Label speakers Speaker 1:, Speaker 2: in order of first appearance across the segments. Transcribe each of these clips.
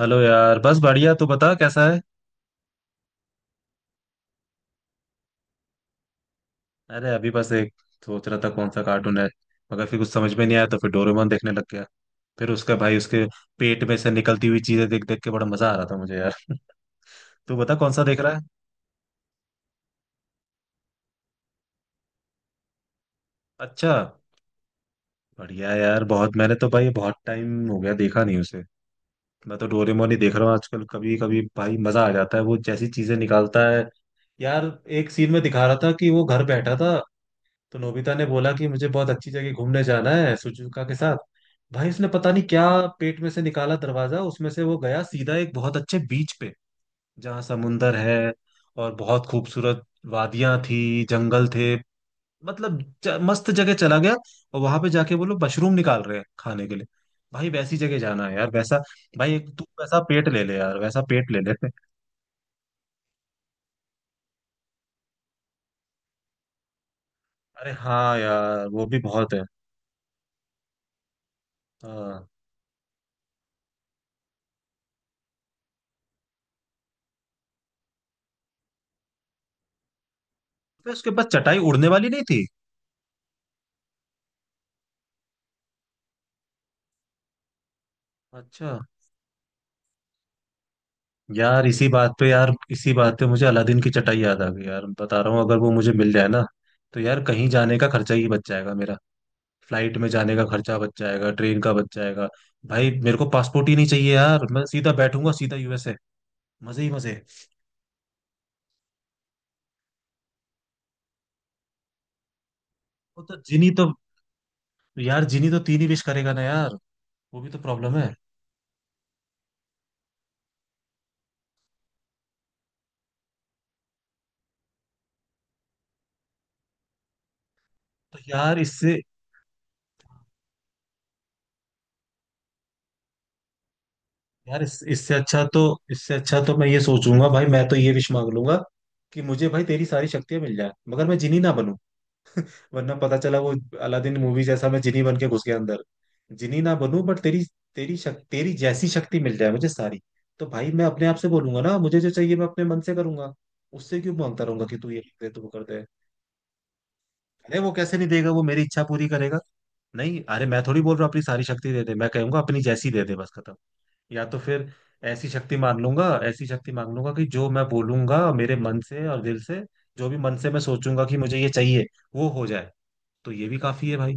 Speaker 1: Hello यार, बस बढ़िया। तू बता कैसा है। अरे अभी बस एक सोच रहा था कौन सा कार्टून है, मगर फिर कुछ समझ में नहीं आया तो फिर डोरेमोन देखने लग गया। फिर उसका भाई, उसके पेट में से निकलती हुई चीजें देख देख के बड़ा मजा आ रहा था मुझे यार। तू बता कौन सा देख रहा है। अच्छा। बढ़िया है यार बहुत, मैंने तो भाई बहुत टाइम हो गया देखा नहीं उसे। मैं तो डोरेमोन ही देख रहा हूँ आजकल। कभी कभी भाई मजा आ जाता है, वो जैसी चीजें निकालता है। यार एक सीन में दिखा रहा था कि वो घर बैठा था, तो नोबिता ने बोला कि मुझे बहुत अच्छी जगह घूमने जाना है सुजुका के साथ। भाई उसने पता नहीं क्या पेट में से निकाला दरवाजा, उसमें से वो गया सीधा एक बहुत अच्छे बीच पे जहाँ समुंदर है और बहुत खूबसूरत वादियां थी, जंगल थे, मतलब मस्त जगह चला गया। और वहां पे जाके वो लोग मशरूम निकाल रहे हैं खाने के लिए। भाई वैसी जगह जाना है यार, वैसा। भाई एक तू वैसा पेट ले ले यार, वैसा पेट ले ले। अरे हाँ यार, वो भी बहुत है। हाँ। तो उसके पास चटाई उड़ने वाली नहीं थी। अच्छा। यार इसी बात पे मुझे अलादीन की चटाई याद आ गई यार, बता रहा हूँ। अगर वो मुझे मिल जाए ना, तो यार कहीं जाने का खर्चा ही बच जाएगा मेरा। फ्लाइट में जाने का खर्चा बच जाएगा, ट्रेन का बच जाएगा। भाई मेरे को पासपोर्ट ही नहीं चाहिए यार, मैं सीधा बैठूंगा सीधा यूएसए। मजे ही मजे। वो तो जिनी तो यार जिनी तो तीन ही विश करेगा ना यार। वो भी तो प्रॉब्लम है। तो यार इससे अच्छा तो, इससे अच्छा तो मैं ये सोचूंगा भाई। मैं तो ये विश मांग लूंगा कि मुझे भाई तेरी सारी शक्तियां मिल जाए, मगर मैं जिनी ना बनूं। वरना पता चला वो अलादीन मूवी जैसा मैं जिनी बन के घुस गया अंदर। जिनी ना बनूं, बट तेरी तेरी शक, तेरी जैसी शक्ति मिल जाए मुझे सारी। तो भाई मैं अपने आप से बोलूंगा ना मुझे जो चाहिए, मैं अपने मन से करूंगा। उससे क्यों मांगता रहूंगा कि तू ये कर दे तू वो कर दे। अरे वो कैसे नहीं देगा, वो मेरी इच्छा पूरी करेगा। नहीं, अरे मैं थोड़ी बोल रहा हूँ अपनी सारी शक्ति दे दे। मैं कहूंगा अपनी जैसी दे दे बस, खत्म। या तो फिर ऐसी शक्ति मांग लूंगा, ऐसी शक्ति मांग लूंगा कि जो मैं बोलूंगा मेरे मन से और दिल से, जो भी मन से मैं सोचूंगा कि मुझे ये चाहिए, वो हो जाए। तो ये भी काफी है भाई।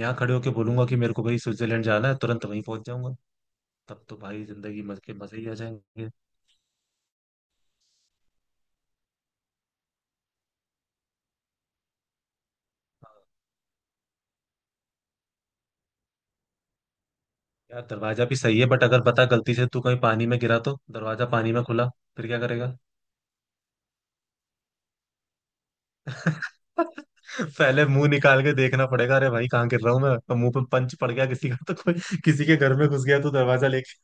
Speaker 1: यहाँ खड़े होके बोलूंगा कि मेरे को भाई स्विट्जरलैंड जाना है, तुरंत वहीं पहुंच जाऊंगा। तब तो भाई जिंदगी मजे के मजे ही आ जाएंगे। यार दरवाजा भी सही है, बट अगर बता गलती से तू कहीं पानी में गिरा, तो दरवाजा पानी में खुला, फिर क्या करेगा। पहले मुंह निकाल के देखना पड़ेगा, अरे भाई कहाँ गिर रहा हूँ मैं। और मुंह पे पंच पड़ गया किसी का तो, कोई किसी के घर में घुस गया तो दरवाजा लेके।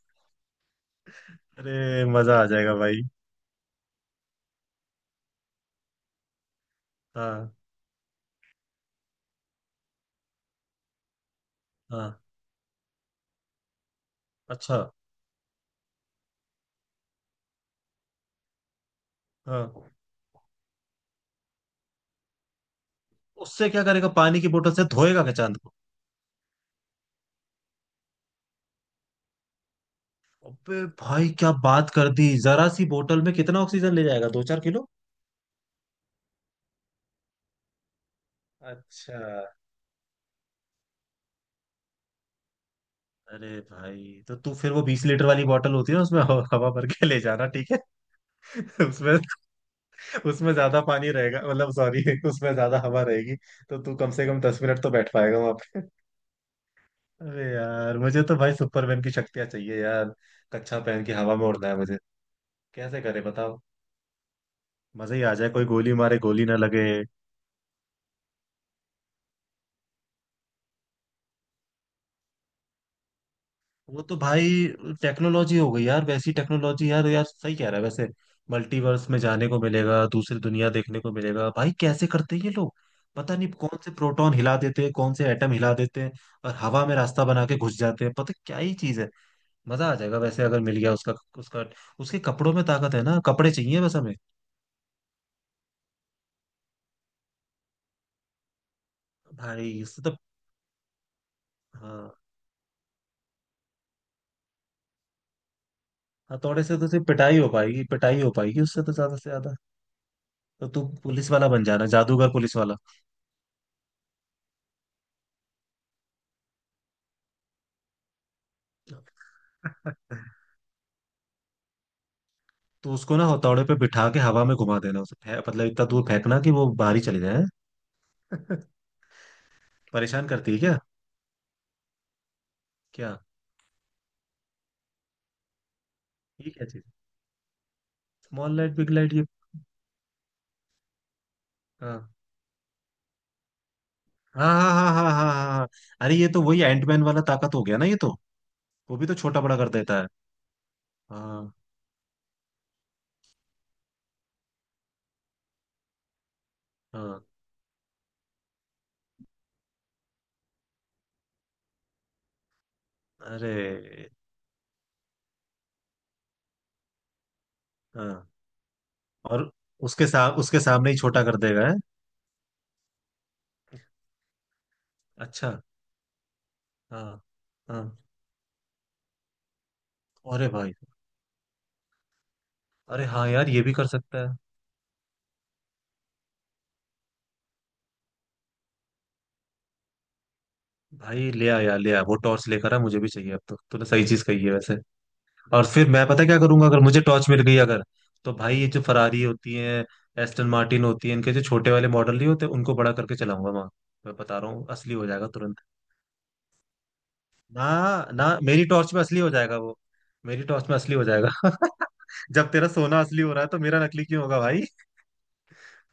Speaker 1: अरे मजा आ जाएगा भाई। हाँ। हाँ। अच्छा। हाँ। उससे क्या करेगा, पानी की बोतल से धोएगा क्या चांद को। अबे भाई क्या बात कर दी, जरा सी बोतल में कितना ऑक्सीजन ले जाएगा, दो चार किलो। अच्छा। अरे भाई तो तू फिर वो 20 लीटर वाली बोतल होती है, उसमें हवा हवा भर के ले जाना, ठीक है। उसमें उसमें ज्यादा पानी रहेगा, मतलब सॉरी, उसमें ज्यादा हवा रहेगी। तो तू कम से कम 10 मिनट तो बैठ पाएगा वहां पे। अरे यार मुझे तो भाई सुपरमैन की शक्तियां चाहिए यार। कच्छा पहन के हवा में उड़ना है मुझे, कैसे करे बताओ। मजा ही आ जाए, कोई गोली मारे गोली ना लगे। वो तो भाई टेक्नोलॉजी हो गई यार, वैसी टेक्नोलॉजी यार, यार सही कह रहा है वैसे। मल्टीवर्स में जाने को मिलेगा, दूसरी दुनिया देखने को मिलेगा। भाई कैसे करते हैं ये लोग, पता नहीं कौन से प्रोटॉन हिला देते हैं, कौन से एटम हिला देते हैं, और हवा में रास्ता बना के घुस जाते हैं। पता क्या ही चीज है। मजा आ जाएगा वैसे अगर मिल गया उसका। उसका, उसके कपड़ों में ताकत है ना, कपड़े चाहिए बस हमें। भाई इससे तो, हाँ, हथौड़े से तो सिर्फ पिटाई हो पाएगी, पिटाई हो पाएगी उससे तो ज्यादा से ज्यादा। तो तू पुलिस वाला बन जाना, जादूगर पुलिस वाला। तो उसको ना हथौड़े पे बिठा के हवा में घुमा देना उसे, मतलब इतना दूर फेंकना कि वो बाहर ही चले जाए। परेशान करती है क्या। क्या। ये क्या चीज। स्मॉल लाइट बिग लाइट ये। हाँ हाँ हाँ हाँ हाँ हाँ हाँ हाँ। अरे ये तो वही एंटमैन वाला ताकत हो गया ना ये तो। वो भी तो छोटा बड़ा कर देता है। हाँ। हाँ। अरे हाँ। और उसके साथ, उसके सामने ही छोटा कर देगा है। अच्छा। हाँ। हाँ। अरे भाई। अरे हाँ यार, ये भी कर सकता है। भाई ले आ यार, ले आ वो टॉर्च लेकर आ, मुझे भी चाहिए अब तो। तूने सही चीज कही है वैसे। और फिर मैं पता है क्या करूंगा अगर मुझे टॉर्च मिल गई। अगर, तो भाई ये जो फरारी होती है, एस्टन मार्टिन होती है, इनके जो छोटे वाले मॉडल नहीं होते, उनको बड़ा करके चलाऊंगा वहां। मैं बता रहा हूँ असली हो जाएगा तुरंत। ना, ना, मेरी टॉर्च में असली हो जाएगा वो। मेरी टॉर्च में असली हो जाएगा। जब तेरा सोना असली हो रहा है तो मेरा नकली क्यों होगा भाई।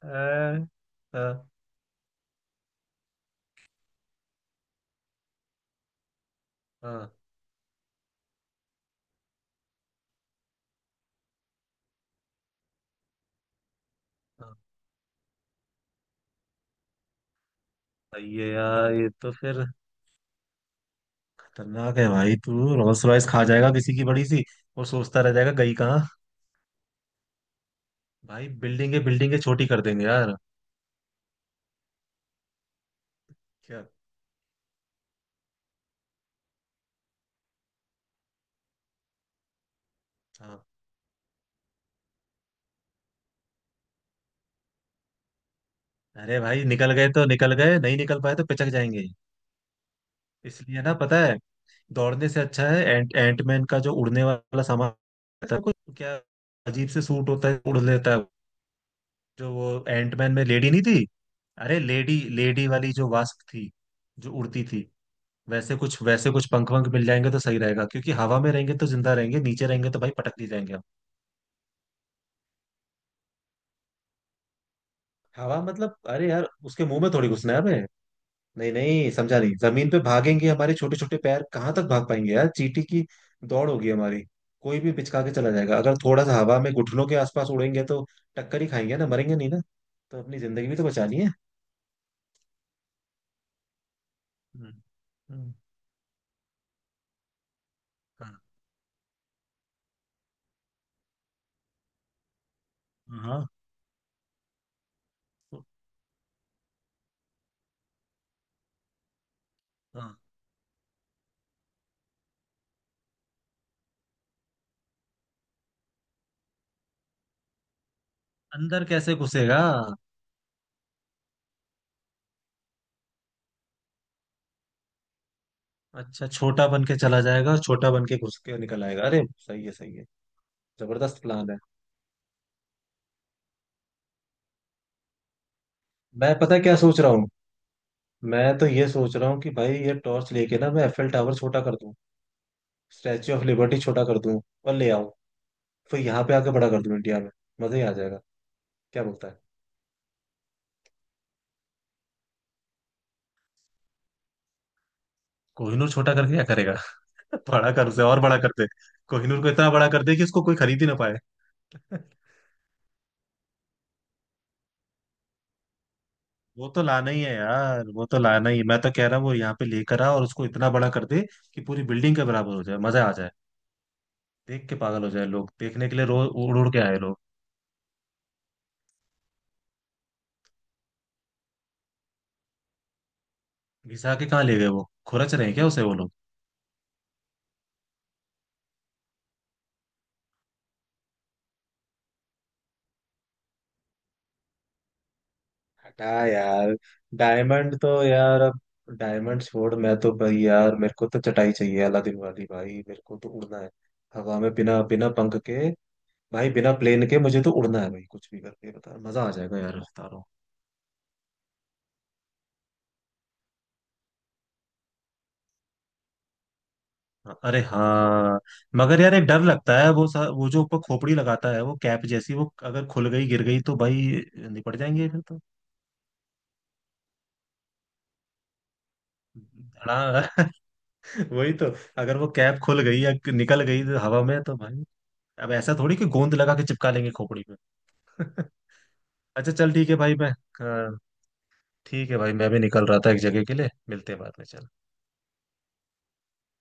Speaker 1: अ, अ, अ, ये यार, ये तो फिर खतरनाक है भाई। तू रोल्स रॉयस खा जाएगा किसी की बड़ी सी, और सोचता रह जाएगा गई कहाँ। भाई बिल्डिंगे बिल्डिंगे छोटी कर देंगे यार। क्या। हाँ। अरे भाई निकल गए तो निकल गए, नहीं निकल पाए तो पिचक जाएंगे। इसलिए ना, पता है, दौड़ने से अच्छा है एंटमैन का जो उड़ने वाला सामान रहता है कुछ, क्या अजीब से सूट होता है, उड़ लेता है। जो वो एंटमैन में लेडी नहीं थी, अरे लेडी, लेडी वाली जो वास्प थी, जो उड़ती थी। वैसे कुछ, पंख वंख मिल जाएंगे तो सही रहेगा, क्योंकि हवा में रहेंगे तो जिंदा रहेंगे, नीचे रहेंगे तो भाई पटक नहीं जाएंगे हम। हवा मतलब, अरे यार उसके मुंह में थोड़ी घुसना है हमें। नहीं नहीं, समझा नहीं। जमीन पे भागेंगे हमारे छोटे छोटे पैर, कहाँ तक भाग पाएंगे यार, चींटी की दौड़ होगी हमारी। कोई भी पिचका के चला जाएगा। अगर थोड़ा सा हवा में घुटनों के आसपास उड़ेंगे तो टक्कर ही खाएंगे ना, मरेंगे नहीं ना। तो अपनी जिंदगी भी तो बचानी है। हम्म। हम्म। हाँ। हाँ। तो-। हाँ। अंदर कैसे घुसेगा। अच्छा, छोटा बन के चला जाएगा और छोटा बन के घुस के निकल आएगा। अरे सही है सही है। जबरदस्त प्लान है। मैं पता है क्या सोच रहा हूँ। मैं तो ये सोच रहा हूँ कि भाई ये टॉर्च लेके ना मैं एफएल टावर छोटा कर दूँ, स्टैच्यू ऑफ लिबर्टी छोटा कर दूं और ले आऊं। फिर यहाँ पे आके बड़ा कर दूं इंडिया में। मजा ही आ जाएगा। क्या बोलता है। कोहिनूर छोटा करके क्या करेगा। बड़ा कर उसे, और बड़ा कर दे। कोहिनूर को इतना बड़ा कर दे कि उसको कोई खरीद ही ना पाए। वो तो लाना ही है यार, वो तो लाना ही है। मैं तो कह रहा हूँ वो यहाँ पे लेकर आ और उसको इतना बड़ा कर दे कि पूरी बिल्डिंग के बराबर हो जाए, मजा आ जाए। देख के पागल हो जाए लोग, देखने के लिए रो, उड़ उड़ के आए लोग। घिसा के कहाँ ले गए, वो खुरच रहे हैं क्या उसे वो लोग। हटा यार, डायमंड तो यार अब, डायमंड छोड़। मैं तो भाई यार मेरे को तो चटाई चाहिए अलादीन वाली भाई, मेरे को तो उड़ना है हवा में बिना बिना पंख के। भाई बिना प्लेन के मुझे तो उड़ना है भाई। कुछ भी करके बता, मजा आ जाएगा यार बता रहा हूँ। हाँ, अरे हाँ। मगर यार एक डर लगता है, वो जो ऊपर खोपड़ी लगाता है वो कैप जैसी, वो अगर खुल गई गिर गई तो भाई निपट जाएंगे फिर तो। हाँ। वही तो, अगर वो कैप खुल गई या निकल गई हवा में तो भाई, अब ऐसा थोड़ी कि गोंद लगा के चिपका लेंगे खोपड़ी में। अच्छा चल, ठीक है भाई, मैं। हाँ। ठीक है भाई मैं भी निकल रहा था एक जगह के लिए। मिलते हैं बाद में, चल।